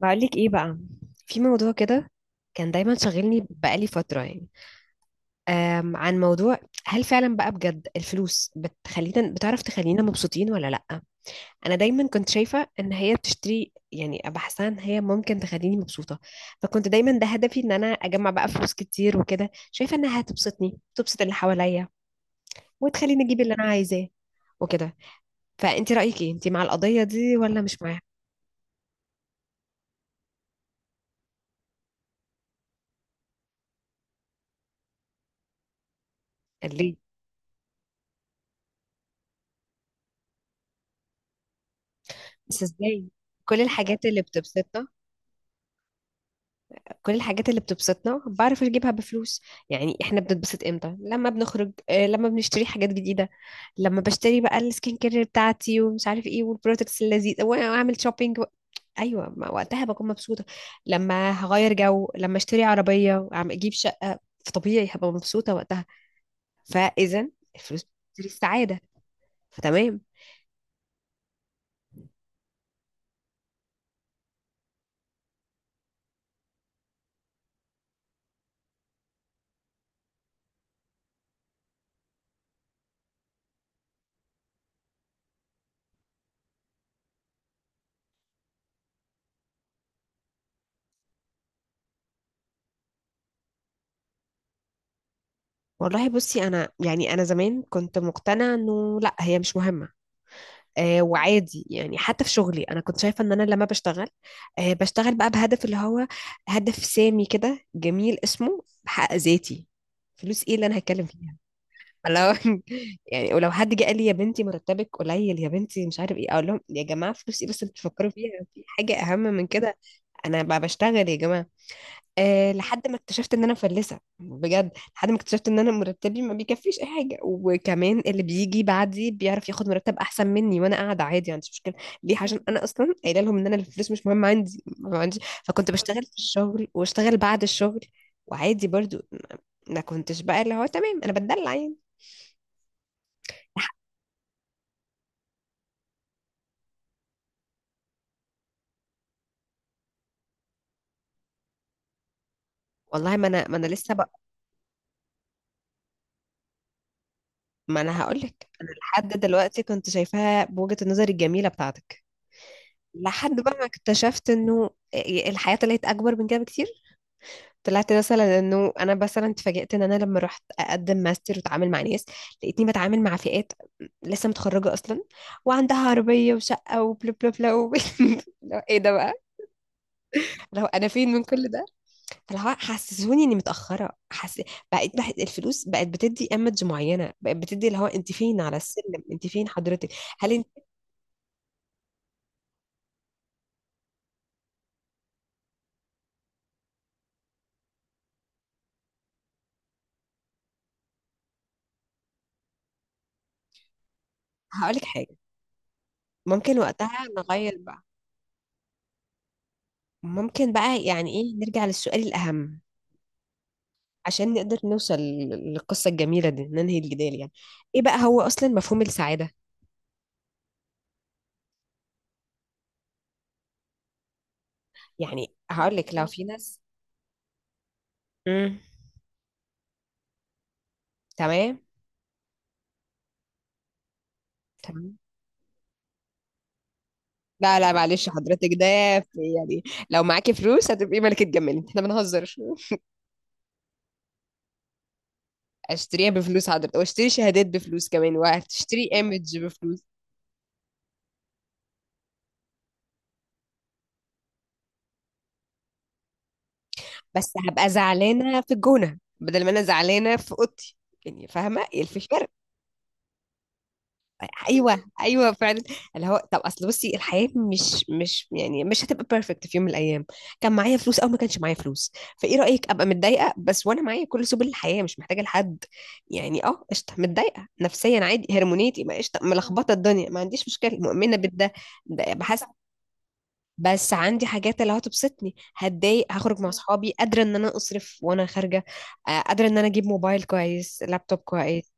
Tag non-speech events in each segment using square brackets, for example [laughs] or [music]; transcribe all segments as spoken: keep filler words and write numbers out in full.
بقولك ايه بقى، في موضوع كده كان دايما شاغلني بقالي فترة يعني، أم عن موضوع. هل فعلا بقى بجد الفلوس بتخلينا، بتعرف، تخلينا مبسوطين ولا لأ؟ أنا دايما كنت شايفة إن هي بتشتري، يعني بحسها إن هي ممكن تخليني مبسوطة، فكنت دايما ده هدفي إن أنا أجمع بقى فلوس كتير، وكده شايفة إنها هتبسطني، تبسط اللي حواليا، وتخليني أجيب اللي أنا عايزاه وكده. فأنت رأيك ايه؟ أنت مع القضية دي ولا مش معاها؟ ليه؟ بس ازاي؟ كل الحاجات اللي بتبسطنا، كل الحاجات اللي بتبسطنا بعرف اجيبها بفلوس. يعني احنا بنتبسط امتى؟ لما بنخرج، آه، لما بنشتري حاجات جديدة، لما بشتري بقى السكين كير بتاعتي ومش عارف ايه والبرودكتس اللذيذة واعمل شوبينج. ايوه، ما وقتها بكون مبسوطة. لما هغير جو، لما اشتري عربية وعم اجيب شقة، فطبيعي هبقى مبسوطة وقتها. فاذا الفلوس بتشتري السعادة، فتمام. والله بصي، انا يعني انا زمان كنت مقتنعة انه لا هي مش مهمة. آه، وعادي يعني، حتى في شغلي انا كنت شايفه ان انا لما بشتغل، آه، بشتغل بقى بهدف اللي هو هدف سامي كده جميل اسمه، بحقق ذاتي. فلوس ايه اللي انا هتكلم فيها؟ لو [laughs] يعني ولو حد جه قال لي يا بنتي مرتبك قليل يا بنتي مش عارف ايه، اقول لهم يا جماعه فلوس ايه بس؟ انتوا بتفكروا فيها؟ في حاجه اهم من كده. انا بقى بشتغل يا جماعه. أه، لحد ما اكتشفت ان انا مفلسه بجد، لحد ما اكتشفت ان انا مرتبي ما بيكفيش اي حاجه، وكمان اللي بيجي بعدي بيعرف ياخد مرتب احسن مني، وانا قاعده عادي ما عنديش مشكله. ليه؟ عشان انا اصلا قايله لهم ان انا الفلوس مش مهمه عندي، ما عندي. فكنت بشتغل في الشغل واشتغل بعد الشغل، وعادي برضو، ما ما كنتش بقى اللي هو تمام، انا بتدلع يعني. والله، ما انا ما انا لسه بقى، ما انا هقول لك، انا لحد دلوقتي كنت شايفاها بوجهة النظر الجميله بتاعتك. لحد بقى ما اكتشفت انه آه، الحياه طلعت اكبر من كده بكتير. طلعت مثلا انه انا مثلا اتفاجئت ان انا لما رحت اقدم ماستر واتعامل مع ناس، لقيتني بتعامل مع فئات لسه متخرجه اصلا وعندها عربيه وشقه وبلا بلا بلا و... [laughs] لو ايه ده بقى؟ لو انا فين من كل ده؟ فلو حسسوني اني متاخره حس... بقيت بح... الفلوس بقت بتدي ايمج معينه، بقت بتدي اللي هو انت فين على السلم، انت فين حضرتك؟ هل انت؟ هقول لك حاجه. ممكن وقتها نغير بقى، ممكن بقى يعني ايه، نرجع للسؤال الاهم عشان نقدر نوصل للقصة الجميلة دي، ننهي الجدال يعني. ايه بقى هو اصلا مفهوم السعادة؟ يعني هقول لك، لو في ناس، امم تمام. تمام. لا لا، معلش حضرتك، ده في- يعني لو معاكي فلوس هتبقي ملكة جمال، احنا بنهزر. اشتريها بفلوس حضرتك، واشتري شهادات بفلوس كمان، وهتشتري ايمج بفلوس. بس هبقى زعلانة في الجونة بدل ما انا زعلانة في اوضتي، يعني فاهمة ايه الفكرة؟ ايوه ايوه فعلا، اللي هو طب اصل بصي، الحياه مش مش يعني مش هتبقى بيرفكت في يوم من الايام، كان معايا فلوس او ما كانش معايا فلوس. فايه رايك، ابقى متضايقه بس وانا معايا كل سبل الحياه مش محتاجه لحد؟ يعني اه قشطه متضايقه نفسيا عادي، هرمونيتي ما قشطه، ملخبطه الدنيا ما عنديش مشكله، مؤمنه بالده. ده بحس، بس عندي حاجات اللي هتبسطني هتضايق، هخرج مع اصحابي قادره ان انا اصرف وانا خارجه، آه، قادره ان انا اجيب موبايل كويس، لابتوب كويس.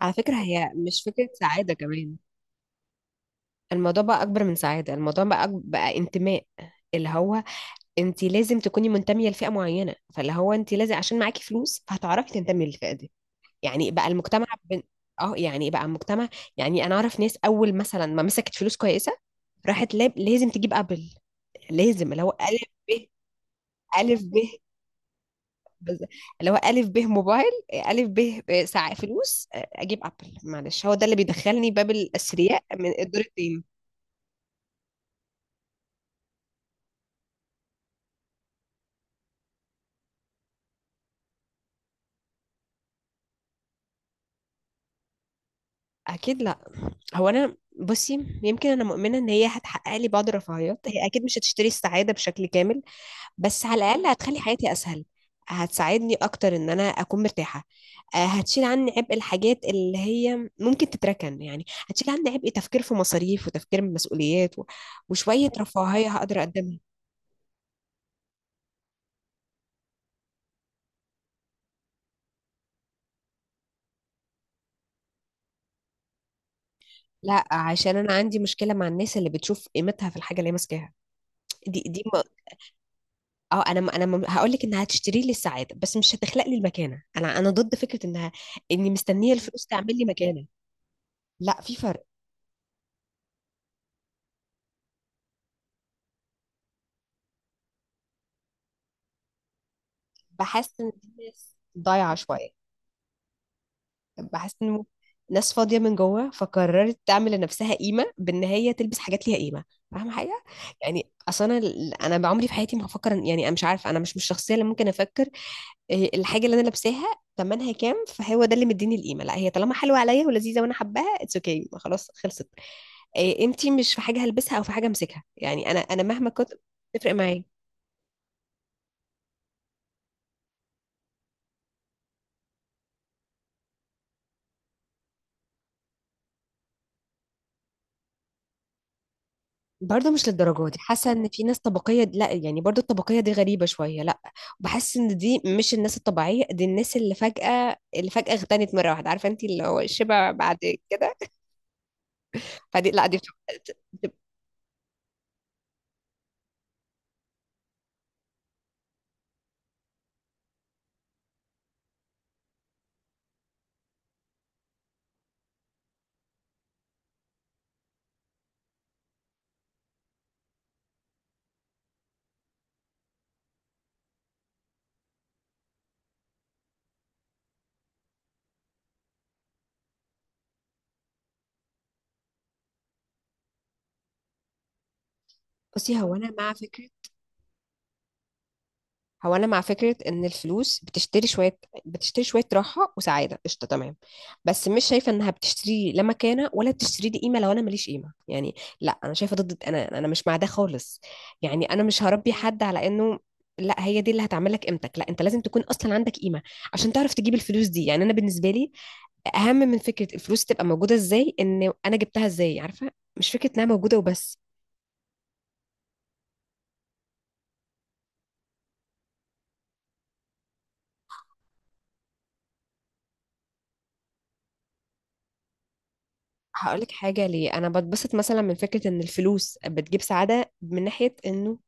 على فكره هي مش فكره سعاده كمان، الموضوع بقى اكبر من سعاده، الموضوع بقى أك- بقى انتماء. اللي هو انت لازم تكوني منتميه لفئه معينه، فاللي هو انت لازم عشان معاكي فلوس فهتعرفي تنتمي للفئه دي. يعني بقى المجتمع بن... اه يعني بقى المجتمع. يعني انا اعرف ناس اول مثلا ما مسكت فلوس كويسه، راحت لاب... لازم تجيب ابل، لازم اللي هو الف ب، الف ب بز- اللي هو الف ب موبايل، الف ب ساعه، فلوس اجيب ابل، معلش هو ده اللي بيدخلني باب الاثرياء من الدور التاني. اكيد لا. هو انا بصي، يمكن انا مؤمنه ان هي هتحقق لي بعض الرفاهيات، هي اكيد مش هتشتري السعاده بشكل كامل، بس على الاقل هتخلي حياتي اسهل، هتساعدني اكتر ان انا اكون مرتاحه. آه، هتشيل عني عبء الحاجات اللي هي ممكن تتركن يعني، هتشيل عني عبء تفكير في مصاريف، وتفكير في مسؤوليات و- وشويه رفاهيه هقدر اقدمها. لا، عشان انا عندي مشكله مع الناس اللي بتشوف قيمتها في الحاجه اللي هي ماسكاها. دي دي اه انا م- انا م- هقول لك انها هتشتري لي السعاده، بس مش هتخلق لي المكانه. انا انا ضد فكره انها، اني مستنيه الفلوس تعمل لي مكانه. لا في فرق. بحس ان دي ناس ضايعه شويه، بحس ان ناس فاضيه من جوه فقررت تعمل لنفسها قيمه بان هي تلبس حاجات ليها قيمه. فاهمه حاجه؟ يعني اصل انا ال- انا بعمري في حياتي ما هفكر إن- يعني انا مش عارفه، انا مش مش الشخصيه اللي ممكن افكر إيه الحاجه اللي انا لابساها ثمنها كام، فهو ده اللي مديني القيمه. لا هي طالما حلوه عليا ولذيذه وانا حباها، اتس اوكي okay. خلاص خلصت إيه؟ انتي مش في حاجه هلبسها او في حاجه امسكها، يعني انا انا مهما كنت تفرق معايا. برضه مش للدرجه دي حاسه ان في ناس طبقيه، لا يعني برضه الطبقيه دي غريبه شويه، لا. بحس ان دي مش الناس الطبيعيه، دي الناس اللي فجاه، اللي فجاه اغتنت مره واحده، عارفه انتي اللي هو الشبع بعد كده. فدي لا دي بتبقى- بصي هو انا مع فكره، هو انا مع فكره ان الفلوس بتشتري شويه، بتشتري شويه راحه وسعاده، قشطه تمام. بس مش شايفه انها بتشتري لي لا مكانه ولا بتشتري لي قيمه لو انا ماليش قيمه، يعني لا انا شايفه ضد، انا انا مش مع ده خالص. يعني انا مش هربي حد على انه لا هي دي اللي هتعمل لك قيمتك، لا انت لازم تكون اصلا عندك قيمه عشان تعرف تجيب الفلوس دي. يعني انا بالنسبه لي، اهم من فكره الفلوس تبقى موجوده، ازاي ان انا جبتها ازاي، عارفه؟ مش فكره انها موجوده وبس. هقولك حاجة، ليه أنا بتبسط مثلا من فكرة إن الفلوس بتجيب سعادة؟ من ناحية إنه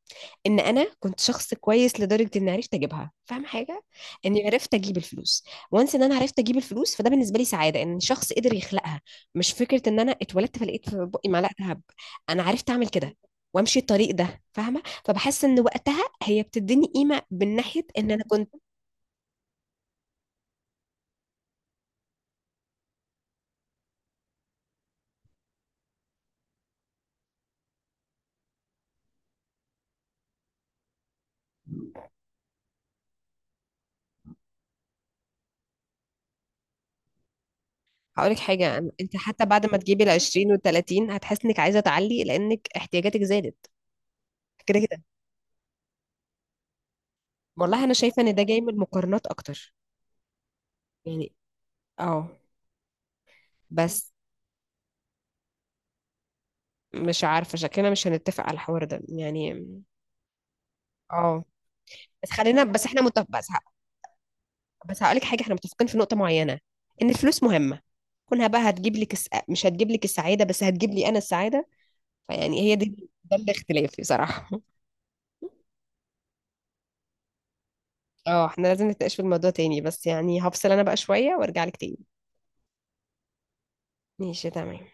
إن أنا كنت شخص كويس لدرجة إني عرفت أجيبها، فاهمة حاجة؟ إني عرفت أجيب الفلوس، وانس إن أنا عرفت أجيب الفلوس، فده بالنسبة لي سعادة، إن شخص قدر يخلقها، مش فكرة إن أنا اتولدت فلقيت في بقي معلقة دهب. أنا عرفت أعمل كده وامشي الطريق ده، فاهمه؟ فبحس ان وقتها هي بتديني قيمه من ناحيه ان انا كنت. هقولك حاجه أنا- انت حتى بعد ما تجيبي ال عشرين وال تلاتين، هتحس انك عايزه تعلي لانك احتياجاتك زادت، كده كده. والله انا شايفه ان ده جاي من المقارنات اكتر. يعني اه، بس مش عارفه شكلنا مش هنتفق على الحوار ده يعني. اه بس خلينا بس، احنا متفق بس ه- بس هقولك حاجه، احنا متفقين في نقطه معينه ان الفلوس مهمه. كونها بقى هتجيب لك الس... مش هتجيب لك السعاده، بس هتجيب لي انا السعاده، فيعني هي دي، ده الاختلاف بصراحه. [laughs] اه احنا لازم نتناقش في الموضوع تاني، بس يعني هفصل انا بقى شويه وارجع لك تاني. ماشي تمام.